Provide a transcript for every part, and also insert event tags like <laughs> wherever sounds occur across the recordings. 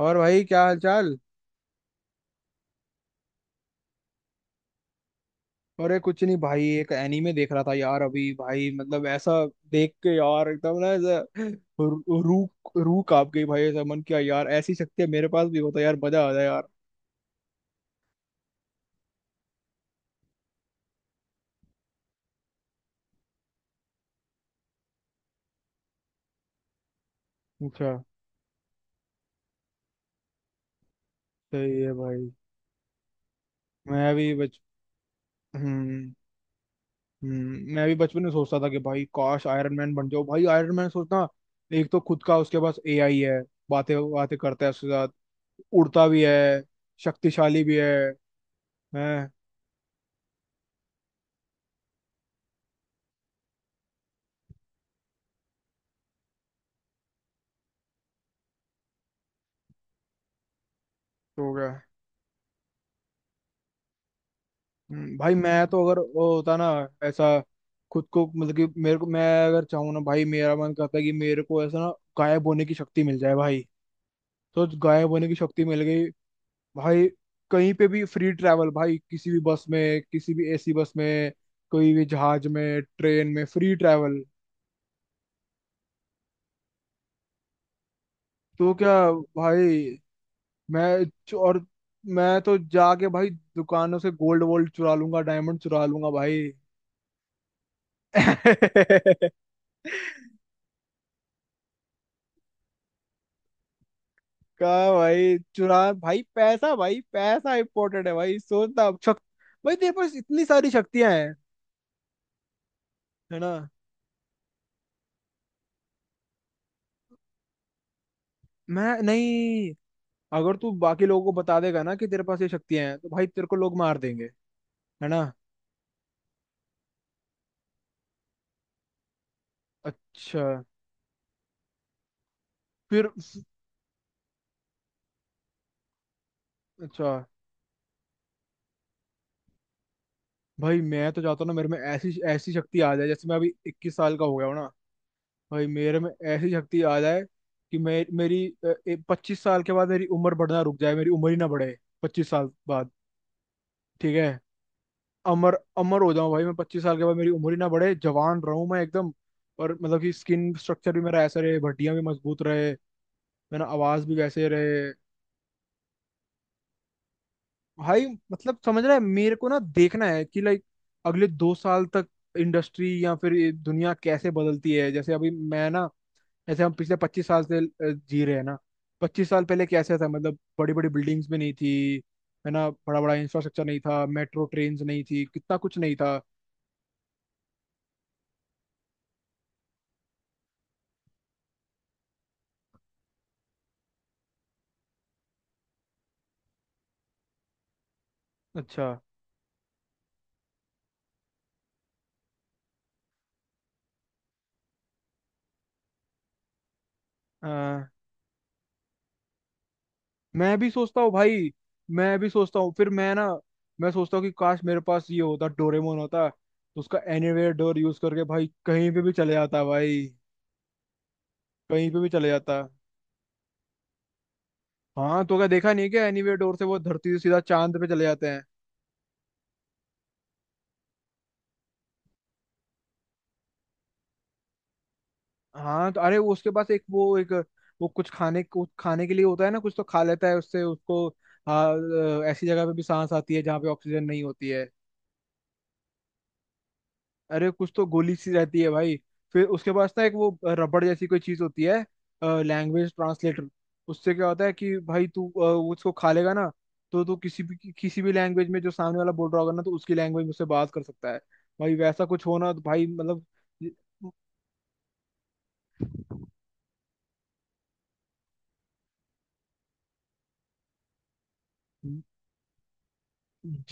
और भाई क्या हाल चाल। अरे कुछ नहीं भाई एक एनीमे देख रहा था यार अभी भाई मतलब ऐसा देख के यार एकदम ना ऐसा रू रू रू कांप गई भाई। ऐसा मन किया यार ऐसी शक्तियां मेरे पास भी होता यार मजा आ जाए यार। अच्छा। सही है भाई। मैं भी बच। हम्म। हम्म। मैं भी बचपन में सोचता था कि भाई काश आयरन मैन बन जाओ भाई आयरन मैन सोचना। एक तो खुद का उसके पास एआई है। बातें बातें करता है उसके साथ। उड़ता भी है। शक्तिशाली भी है। हैं। तो क्या। हम्म। भाई मैं तो अगर वो होता ना ऐसा। खुद को मतलब कि मेरे को मैं अगर चाहूँ ना भाई मेरा मन करता है कि मेरे को ऐसा ना गायब होने की शक्ति मिल जाए भाई। तो गायब होने की शक्ति मिल गई। भाई कहीं पे भी फ्री ट्रैवल भाई किसी भी बस में किसी भी एसी बस में कोई भी जहाज में ट्रेन में फ्री ट्रैवल। तो क्या भाई और मैं तो जाके भाई दुकानों से गोल्ड वोल्ड चुरा लूंगा डायमंड चुरा लूंगा भाई। <laughs> कहा भाई चुरा भाई पैसा इम्पोर्टेंट है भाई सोचना शक। भाई तेरे पास इतनी सारी शक्तियां हैं। है ना। मैं नहीं। अगर तू बाकी लोगों को बता देगा ना कि तेरे पास ये शक्तियां हैं तो भाई तेरे को लोग मार देंगे। है ना। अच्छा। फिर। अच्छा। भाई मैं तो चाहता हूँ ना मेरे में ऐसी ऐसी शक्ति आ जाए जैसे मैं अभी 21 साल का हो गया हूँ ना। भाई मेरे में ऐसी शक्ति आ जाए कि मैं मेरी 25 साल के बाद मेरी उम्र बढ़ना रुक जाए मेरी उम्र ही ना बढ़े। 25 साल बाद। ठीक है। अमर अमर हो जाऊं भाई मैं 25 साल के बाद मेरी उम्र ही ना बढ़े जवान रहूं मैं एकदम। और मतलब कि स्किन स्ट्रक्चर भी मेरा ऐसा रहे हड्डियां भी मजबूत रहे। मेरा आवाज भी वैसे रहे। भाई मतलब समझ रहा है मेरे को ना देखना है कि लाइक अगले 2 साल तक। इंडस्ट्री या फिर ये दुनिया कैसे बदलती है जैसे अभी मैं ना। जैसे हम पिछले 25 साल से जी रहे हैं ना। 25 साल पहले कैसे था मतलब बड़ी बड़ी बिल्डिंग्स भी नहीं थी। है ना बड़ा बड़ा इंफ्रास्ट्रक्चर नहीं था मेट्रो ट्रेन्स नहीं थी कितना कुछ नहीं था। अच्छा। मैं भी सोचता हूँ भाई। मैं भी सोचता हूँ फिर मैं ना। मैं सोचता हूँ कि काश मेरे पास ये होता डोरेमोन होता तो उसका एनीवेयर डोर यूज करके भाई कहीं पे भी चले जाता भाई। कहीं पे भी चले जाता। हाँ तो क्या देखा नहीं क्या एनीवेयर डोर से वो धरती से सीधा चांद पे चले जाते हैं। हाँ तो अरे वो उसके पास एक वो कुछ खाने के लिए होता है ना कुछ तो खा लेता है उससे उसको। हाँ। ऐसी जगह पे भी सांस आती है जहाँ पे ऑक्सीजन नहीं होती है। अरे कुछ तो गोली सी रहती है भाई। फिर उसके पास ना एक वो रबड़ जैसी कोई चीज होती है। Language translator. उससे क्या होता है कि भाई तू वो उसको खा लेगा ना। तो तू किसी भी किसी भी लैंग्वेज में जो सामने वाला बोल रहा होगा ना तो उसकी लैंग्वेज में उससे बात कर सकता है। भाई वैसा कुछ होना तो भाई मतलब।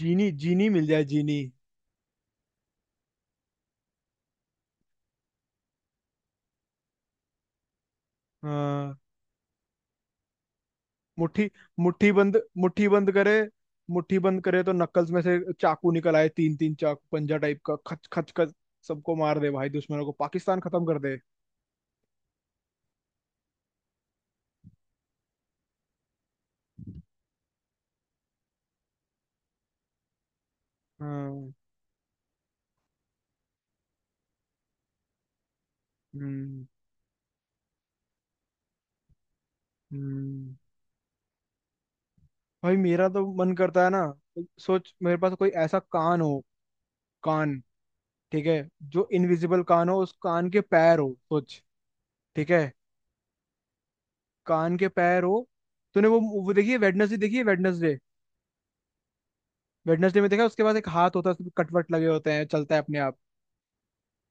जीनी जीनी मिल जाए जीनी। हाँ। मुट्ठी। मुट्ठी बंद। मुट्ठी बंद करे। मुट्ठी बंद करे तो नक्कल्स में से चाकू निकल आए तीन तीन चाकू पंजा टाइप का खच खच खच। सबको मार दे भाई दुश्मनों को पाकिस्तान खत्म कर दे। हाँ। हम्म। हम्म। भाई मेरा तो मन करता है ना सोच मेरे पास कोई ऐसा कान हो। कान। ठीक है। जो इनविजिबल कान हो उस कान के पैर हो सोच। ठीक है। कान के पैर हो। तूने वो देखिए वेडनेसडे देखिए वेडनेसडे। वेडनेसडे में देखा उसके पास एक हाथ होता है उसमें कटवट लगे होते हैं चलता है अपने आप।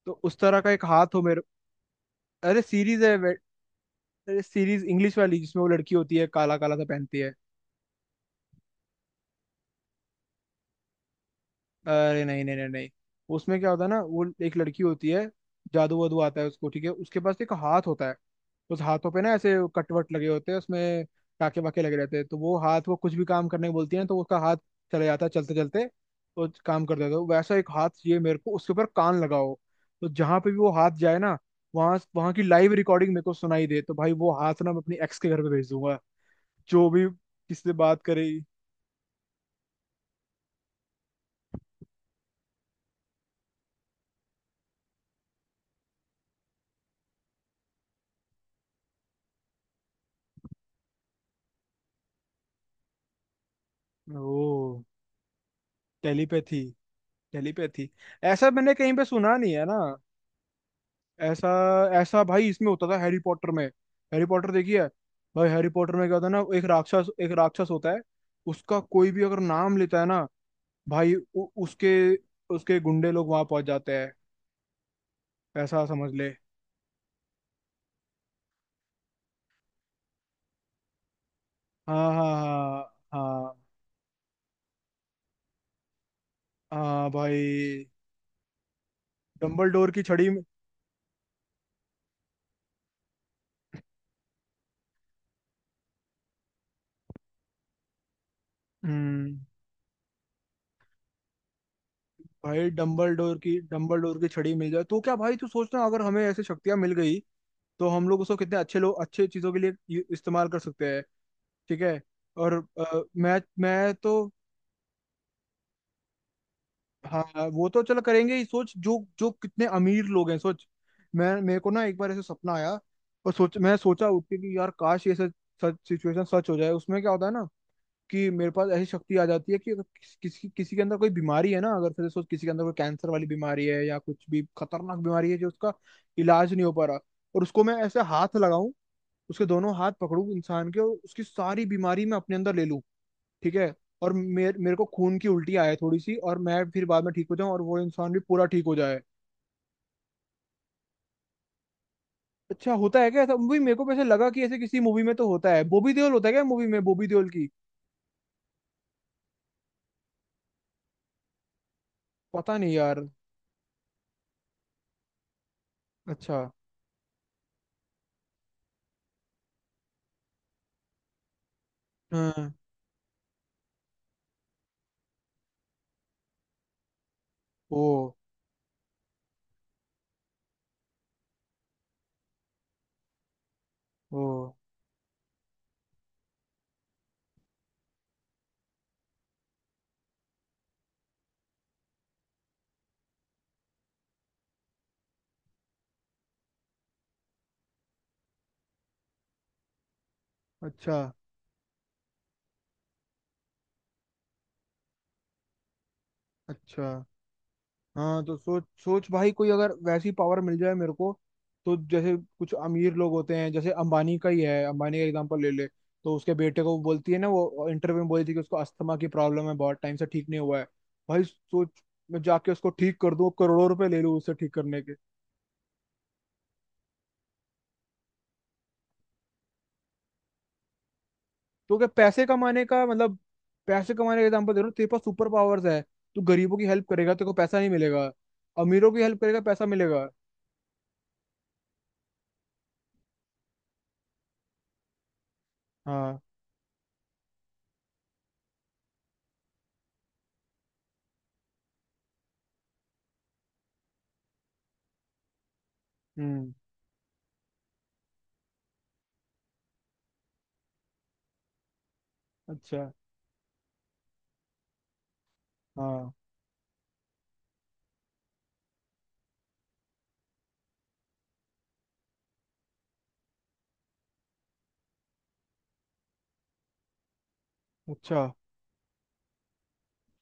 तो उस तरह का एक हाथ हो मेरे। अरे सीरीज है अरे सीरीज इंग्लिश वाली जिसमें वो लड़की होती है काला काला सा पहनती है। अरे नहीं नहीं नहीं नहीं। उसमें क्या होता है ना वो एक लड़की होती है। जादू वादू आता है उसको ठीक है उसके पास एक हाथ होता है। उस हाथों पे ना ऐसे कटवट लगे होते हैं उसमें। टाके वाके लगे रहते हैं तो वो हाथ वो कुछ भी काम करने को बोलती है ना, तो उसका हाथ चले जाता है चलते चलते। तो काम कर देता है तो वैसा एक हाथ ये मेरे को उसके ऊपर कान लगाओ। तो जहां पे भी वो हाथ जाए ना वहां वहां की लाइव रिकॉर्डिंग मेरे को सुनाई दे तो भाई वो हाथ ना मैं अपनी एक्स के घर पे भेज दूंगा। जो भी किससे बात करे। ओ। टेलीपैथी। टेलीपैथी। ऐसा मैंने कहीं पे सुना नहीं है ना। ऐसा। ऐसा भाई इसमें होता था हैरी पॉटर में। हैरी पॉटर देखिए। भाई हैरी पॉटर में क्या होता है ना एक राक्षस होता है। उसका कोई भी अगर नाम लेता है ना। भाई उसके उसके गुंडे लोग वहां पहुंच जाते हैं। ऐसा समझ ले। हाँ हाँ हाँ हाँ। हाँ भाई डम्बल डोर की छड़ी में। हम्म। भाई डम्बल डोर की छड़ी मिल जाए तो क्या भाई तू सोचना अगर हमें ऐसी शक्तियां मिल गई। तो हम लोग उसको कितने अच्छे लोग अच्छे चीज़ों के लिए इस्तेमाल कर सकते हैं। ठीक है। और मैं तो। हाँ वो तो चल करेंगे ही सोच जो जो कितने अमीर लोग हैं सोच। मैं मेरे को ना एक बार ऐसे सपना आया। और सोच मैं सोचा उठ के कि यार काश ये सच सच सिचुएशन सच हो जाए उसमें क्या होता है ना। कि मेरे पास ऐसी शक्ति आ जाती है कि अगर किसी किसी के अंदर कोई बीमारी है ना अगर फिर सोच किसी के अंदर कोई कैंसर वाली बीमारी है या कुछ भी खतरनाक बीमारी है जो उसका इलाज नहीं हो पा रहा। और उसको मैं ऐसे हाथ लगाऊं। उसके दोनों हाथ पकड़ूं इंसान के और उसकी सारी बीमारी मैं अपने अंदर ले लूं। ठीक है। और मेरे मेरे को खून की उल्टी आए थोड़ी सी और मैं फिर बाद में ठीक हो जाऊं और वो इंसान भी पूरा ठीक हो जाए। अच्छा होता है क्या ऐसा मूवी मेरे को वैसे लगा कि ऐसे किसी मूवी में तो होता है बॉबी देओल होता है क्या मूवी में बॉबी देओल की। पता नहीं यार। अच्छा। हाँ। ओ। ओ। अच्छा। अच्छा। हाँ तो सोच सोच भाई कोई अगर वैसी पावर मिल जाए मेरे को। तो जैसे कुछ अमीर लोग होते हैं जैसे अंबानी का ही है अंबानी का एग्जांपल ले ले। तो उसके बेटे को वो बोलती है ना वो इंटरव्यू में बोली थी कि उसको अस्थमा की प्रॉब्लम है बहुत टाइम से ठीक नहीं हुआ है। भाई सोच मैं जाके उसको ठीक कर दूं करोड़ों रुपए ले लूं उससे ठीक करने के। तो क्या पैसे कमाने का मतलब पैसे कमाने का एग्जांपल दे रहा हूँ तेरे पास सुपर पावर्स है। तू गरीबों की हेल्प करेगा तेरे को पैसा नहीं मिलेगा। अमीरों की हेल्प करेगा पैसा मिलेगा। हाँ। हम्म। अच्छा। हाँ। अच्छा।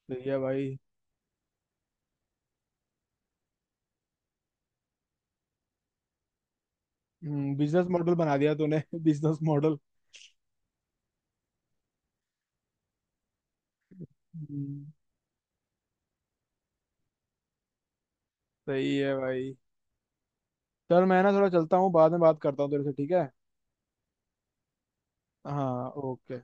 सही है भाई। बिजनेस मॉडल बना दिया तूने <laughs> बिजनेस मॉडल। हम्म, सही है भाई। चल मैं ना थोड़ा चलता हूँ बाद में बात करता हूँ तेरे से ठीक है। हाँ ओके